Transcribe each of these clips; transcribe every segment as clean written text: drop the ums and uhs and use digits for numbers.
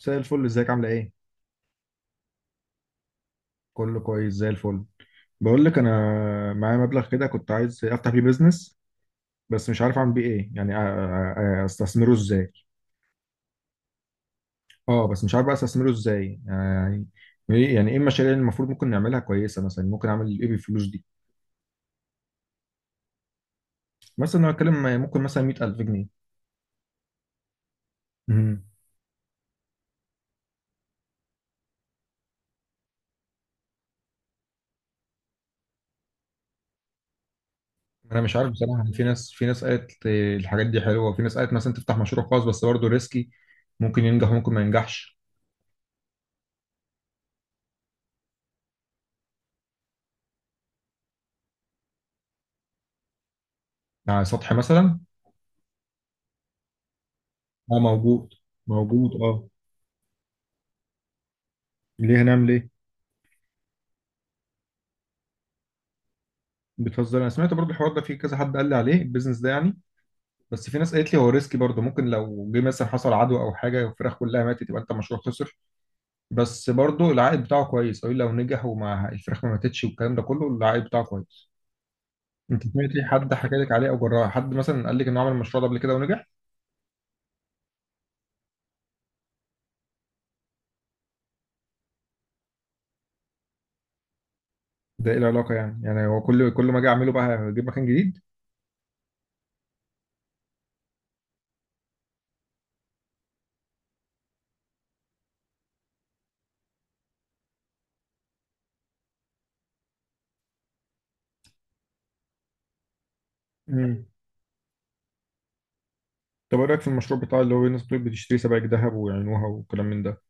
زي الفل، ازيك؟ عامله ايه؟ كله كويس زي الفل. بقول لك انا معايا مبلغ كده، كنت عايز افتح بيه بيزنس، بس مش عارف اعمل بيه ايه يعني، استثمره ازاي. اه بس مش عارف بقى استثمره ازاي. يعني ايه المشاريع اللي المفروض ممكن نعملها كويسه؟ مثلا ممكن اعمل ايه بالفلوس دي؟ مثلا انا اتكلم، ممكن مثلا 100000 جنيه. امم انا مش عارف بصراحه، في ناس قالت الحاجات دي حلوه، وفي ناس قالت مثلا تفتح مشروع خاص بس برضه ريسكي. ممكن ينجح وممكن ما ينجحش. على سطح مثلا. اه موجود، موجود اه. ليه؟ هنعمل ايه؟ بتهزر، انا سمعت برضو الحوار ده، في كذا حد قال لي عليه البيزنس ده يعني. بس في ناس قالت لي هو ريسكي برضو، ممكن لو جه مثلا حصل عدوى او حاجه والفراخ كلها ماتت، يبقى انت المشروع خسر. بس برضو العائد بتاعه كويس قوي لو نجح وما الفراخ ما ماتتش والكلام ده كله، العائد بتاعه كويس. انت سمعت إيه؟ حد حكى لك عليه او جربها؟ حد مثلا قال لك انه عمل المشروع ده قبل كده ونجح؟ ده ايه العلاقه يعني؟ يعني هو كل ما اجي اعمله بقى اجيب مكان جديد؟ امم. طب ايه رايك في المشروع بتاع اللي هو الناس بتقول بتشتري سبائك ذهب ويعينوها وكلام من ده؟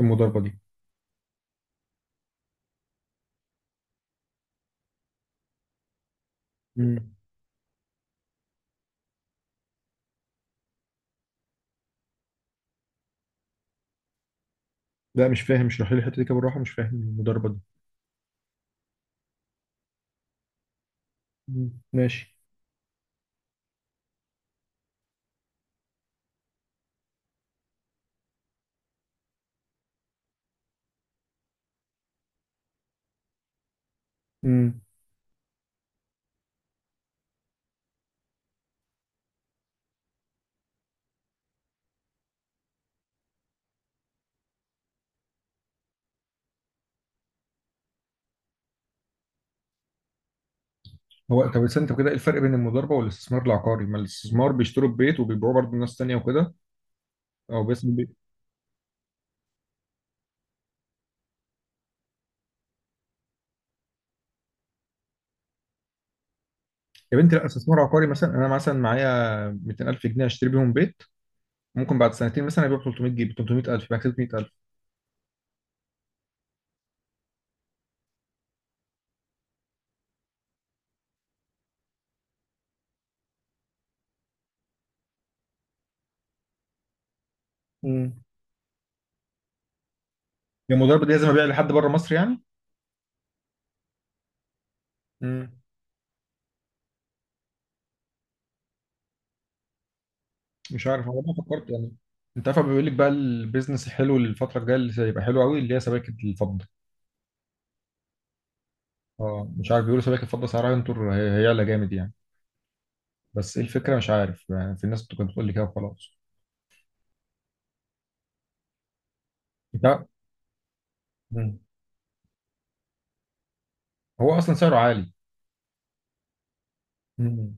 المضاربه دي، مم، لا مش فاهم، اشرح لي الحته دي كده بالراحه، مش فاهم المضاربه دي. مم، ماشي. مم. هو طب استنى، انت كده ايه الفرق بين المضاربه والاستثمار العقاري؟ ما الاستثمار بيشتروا البيت وبيبيعوه برضه لناس تانيه وكده، او بس البيت. يا بنتي، لا، استثمار عقاري مثلا، انا مثلا معايا 200000 جنيه اشتري بيهم بيت، ممكن بعد سنتين مثلا ابيع 300 جنيه، 300000، يبقى كسبت 100000. مم. هي المضاربه دي لازم ابيع لحد بره مصر يعني؟ مم. مش عارف، هو انا فكرت يعني. انت عارف بيقول لك بقى البيزنس الحلو الفتره الجايه اللي هيبقى حلو قوي، اللي هي سبائك الفضه. اه مش عارف، بيقولوا سباكة فضة سعرها ينطر، هيعلى جامد يعني. بس ايه الفكرة؟ مش عارف يعني، في الناس كانت بتقول لي كده وخلاص. لا. مم. هو اصلا سعره عالي. مم،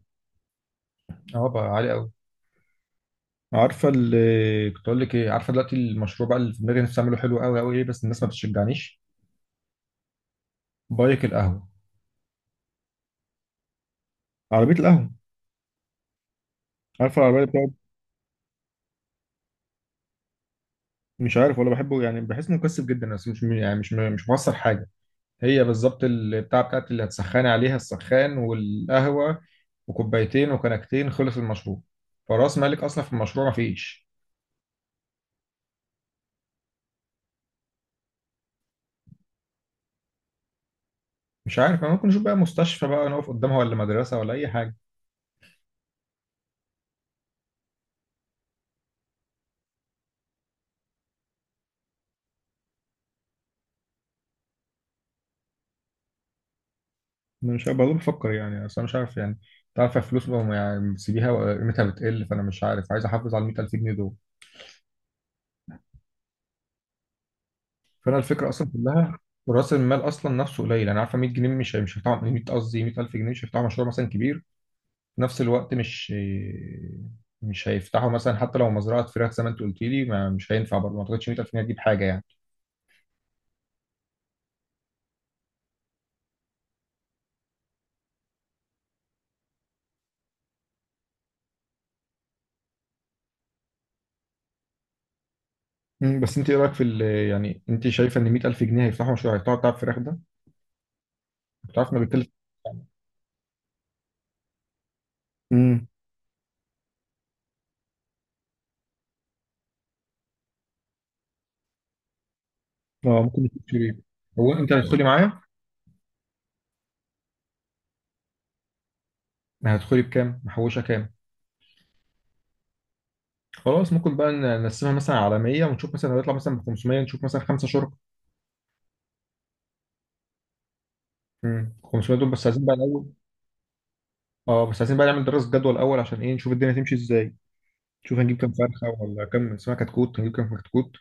اه بقى عالي قوي. عارفة اللي كنت اقول لك ايه؟ عارفة دلوقتي المشروع بقى اللي في دماغي نفسي اعمله حلو قوي قوي ايه؟ بس الناس ما بتشجعنيش. بايك القهوة، عربية القهوة، عارفة العربية بتاعت؟ مش عارف ولا بحبه يعني، بحس انه مكثف جدا بس مش يعني، مش مش موصل حاجة. هي بالظبط البتاع بتاعت اللي هتسخني عليها السخان والقهوة، وكوبايتين وكنكتين، خلص المشروع. فراس مالك أصلا في المشروع مفيش. مش عارف أنا، ممكن نشوف بقى مستشفى بقى نقف قدامها، ولا مدرسة، ولا أي حاجة. أنا مش عارف برضه، بفكر يعني، أصل أنا مش عارف يعني. أنت عارف الفلوس بقى يعني بتسيبيها قيمتها بتقل، فأنا مش عارف، عايز أحافظ على 100000 جنيه دول. فأنا الفكرة أصلا كلها، رأس المال أصلا نفسه قليل. أنا عارفة 100 جنيه مش هيفتحوا، 100 قصدي 100000 جنيه مش هيفتحوا مشروع مثلا كبير. في نفس الوقت مش هيفتحوا مثلا حتى لو مزرعه فراخ زي ما انت قلت لي، ما مش هينفع برضه، ما اعتقدش 100000 جنيه هتجيب حاجه يعني. مم، بس انت ايه رايك يعني انت شايفه ان 100000 جنيه هيفتحوا مشروع، هيفتحوا بتاع الفراخ ده؟ بتعرف انه بيتكلف. امم. اه ممكن تشتري. هو انت هتدخلي معايا؟ هتدخلي بكام؟ محوشه كام؟ خلاص ممكن بقى نقسمها مثلا على 100 ونشوف، مثلا هيطلع مثلا ب 500، نشوف مثلا خمسه شركاء. امم، 500 دول بس عايزين بقى الاول. اه بس عايزين بقى نعمل دراسه جدوى الاول عشان ايه؟ نشوف الدنيا تمشي ازاي، نشوف هنجيب كام فرخه، ولا كام اسمها كتكوت، هنجيب كام كتكوت.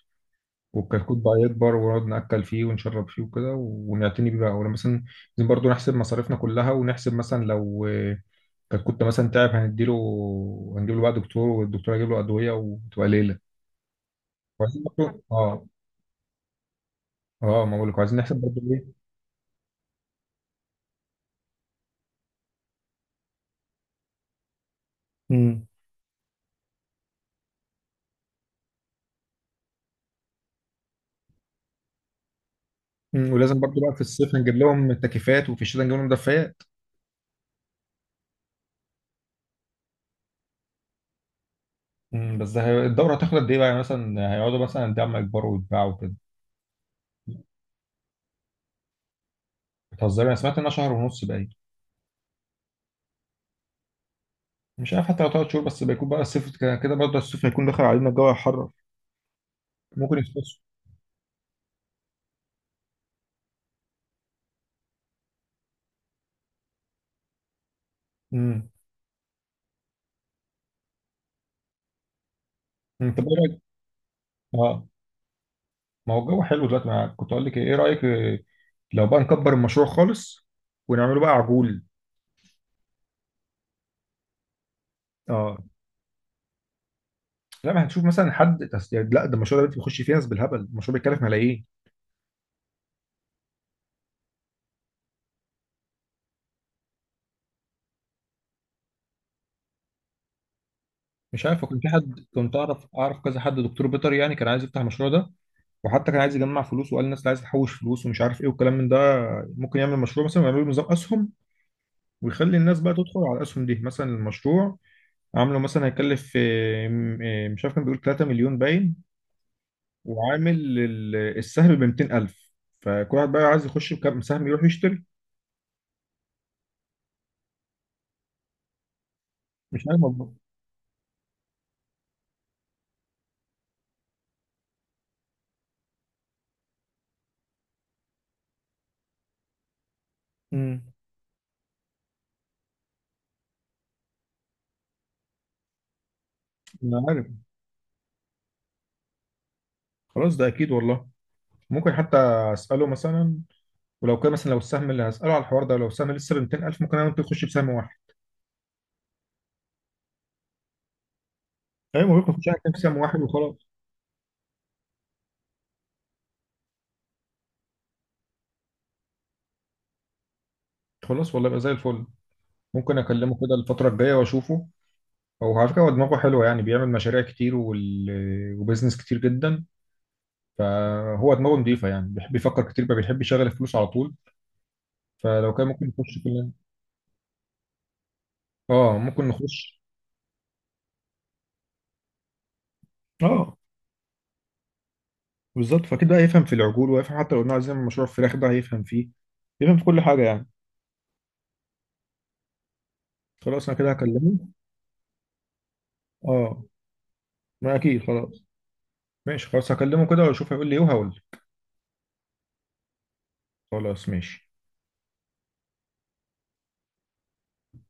والكتكوت بقى يكبر ونقعد نأكل فيه ونشرب فيه وكده، ونعتني بيه بقى، ولما مثلا، لازم برضه نحسب مصاريفنا كلها، ونحسب مثلا لو الكتكوت ده مثلا تعب، هنديله، هنجيب له بقى دكتور، والدكتور هيجيب له أدوية، وتبقى ليلة. وعايزين برضه اه، اه ما بقولك عايزين نحسب برضه ايه. امم. مم، ولازم برضه بقى في الصيف نجيب لهم التكييفات، وفي الشتاء نجيب لهم دفايات. مم، بس الدورة هتاخد قد ايه بقى يعني؟ مثلا هيقعدوا مثلا قد ايه عم يكبروا ويتباعوا كده؟ بتهزري، انا سمعت انها شهر ونص بقى. مش عارف، حتى لو تلات شهور، بس بيكون بقى الصيف كده برضه، الصيف هيكون دخل علينا، الجو هيحرر، ممكن يختصوا. امم. انت بقى رايك؟ اه، ما هو الجو حلو دلوقتي، ما كنت اقول لك ايه، إيه رايك؟ لو بقى نكبر المشروع خالص ونعمله بقى عجول. اه. لا ما هنشوف مثلا حد يعني، لا ده المشروع ده دلوقتي بيخش فيه ناس بالهبل، المشروع بيتكلف ملايين. مش عارف، كان في حد كنت اعرف كذا حد دكتور بيطري يعني، كان عايز يفتح المشروع ده. وحتى كان عايز يجمع فلوس، وقال الناس اللي عايز تحوش فلوس ومش عارف ايه والكلام من ده، ممكن يعمل مشروع مثلا ويعمل له نظام اسهم، ويخلي الناس بقى تدخل على الاسهم دي، مثلا المشروع عامله مثلا هيكلف، مش عارف، كان بيقول 3 مليون باين. وعامل السهم ب 200000، فكل واحد بقى عايز يخش بكام سهم يروح يشتري. مش عارف والله. امم. انا عارف، خلاص ده اكيد والله. ممكن حتى اساله مثلا، ولو كان مثلا، لو السهم اللي هساله على الحوار ده لو السهم لسه ب 200000، ممكن انا وانت نخش بسهم واحد. ايوه ممكن نخش انا وأنت بسهم واحد وخلاص. خلاص والله، يبقى زي الفل. ممكن اكلمه كده الفتره الجايه واشوفه. هو على فكرة هو دماغه حلوة يعني، بيعمل مشاريع كتير وبزنس كتير جدا. فهو دماغه نضيفة يعني، بيحب يفكر كتير بقى، بيحب يشغل الفلوس على طول. فلو كان ممكن نخش كلنا، اه ممكن نخش. اه بالظبط، فاكيد بقى يفهم في العجول، ويفهم حتى لو قلنا عايزين نعمل مشروع الفراخ ده هيفهم فيه، يفهم في كل حاجة يعني. خلاص انا كده هكلمه. اه ما اكيد خلاص. ماشي خلاص، هكلمه كده واشوف هيقول لي ايه وهقول له. خلاص ماشي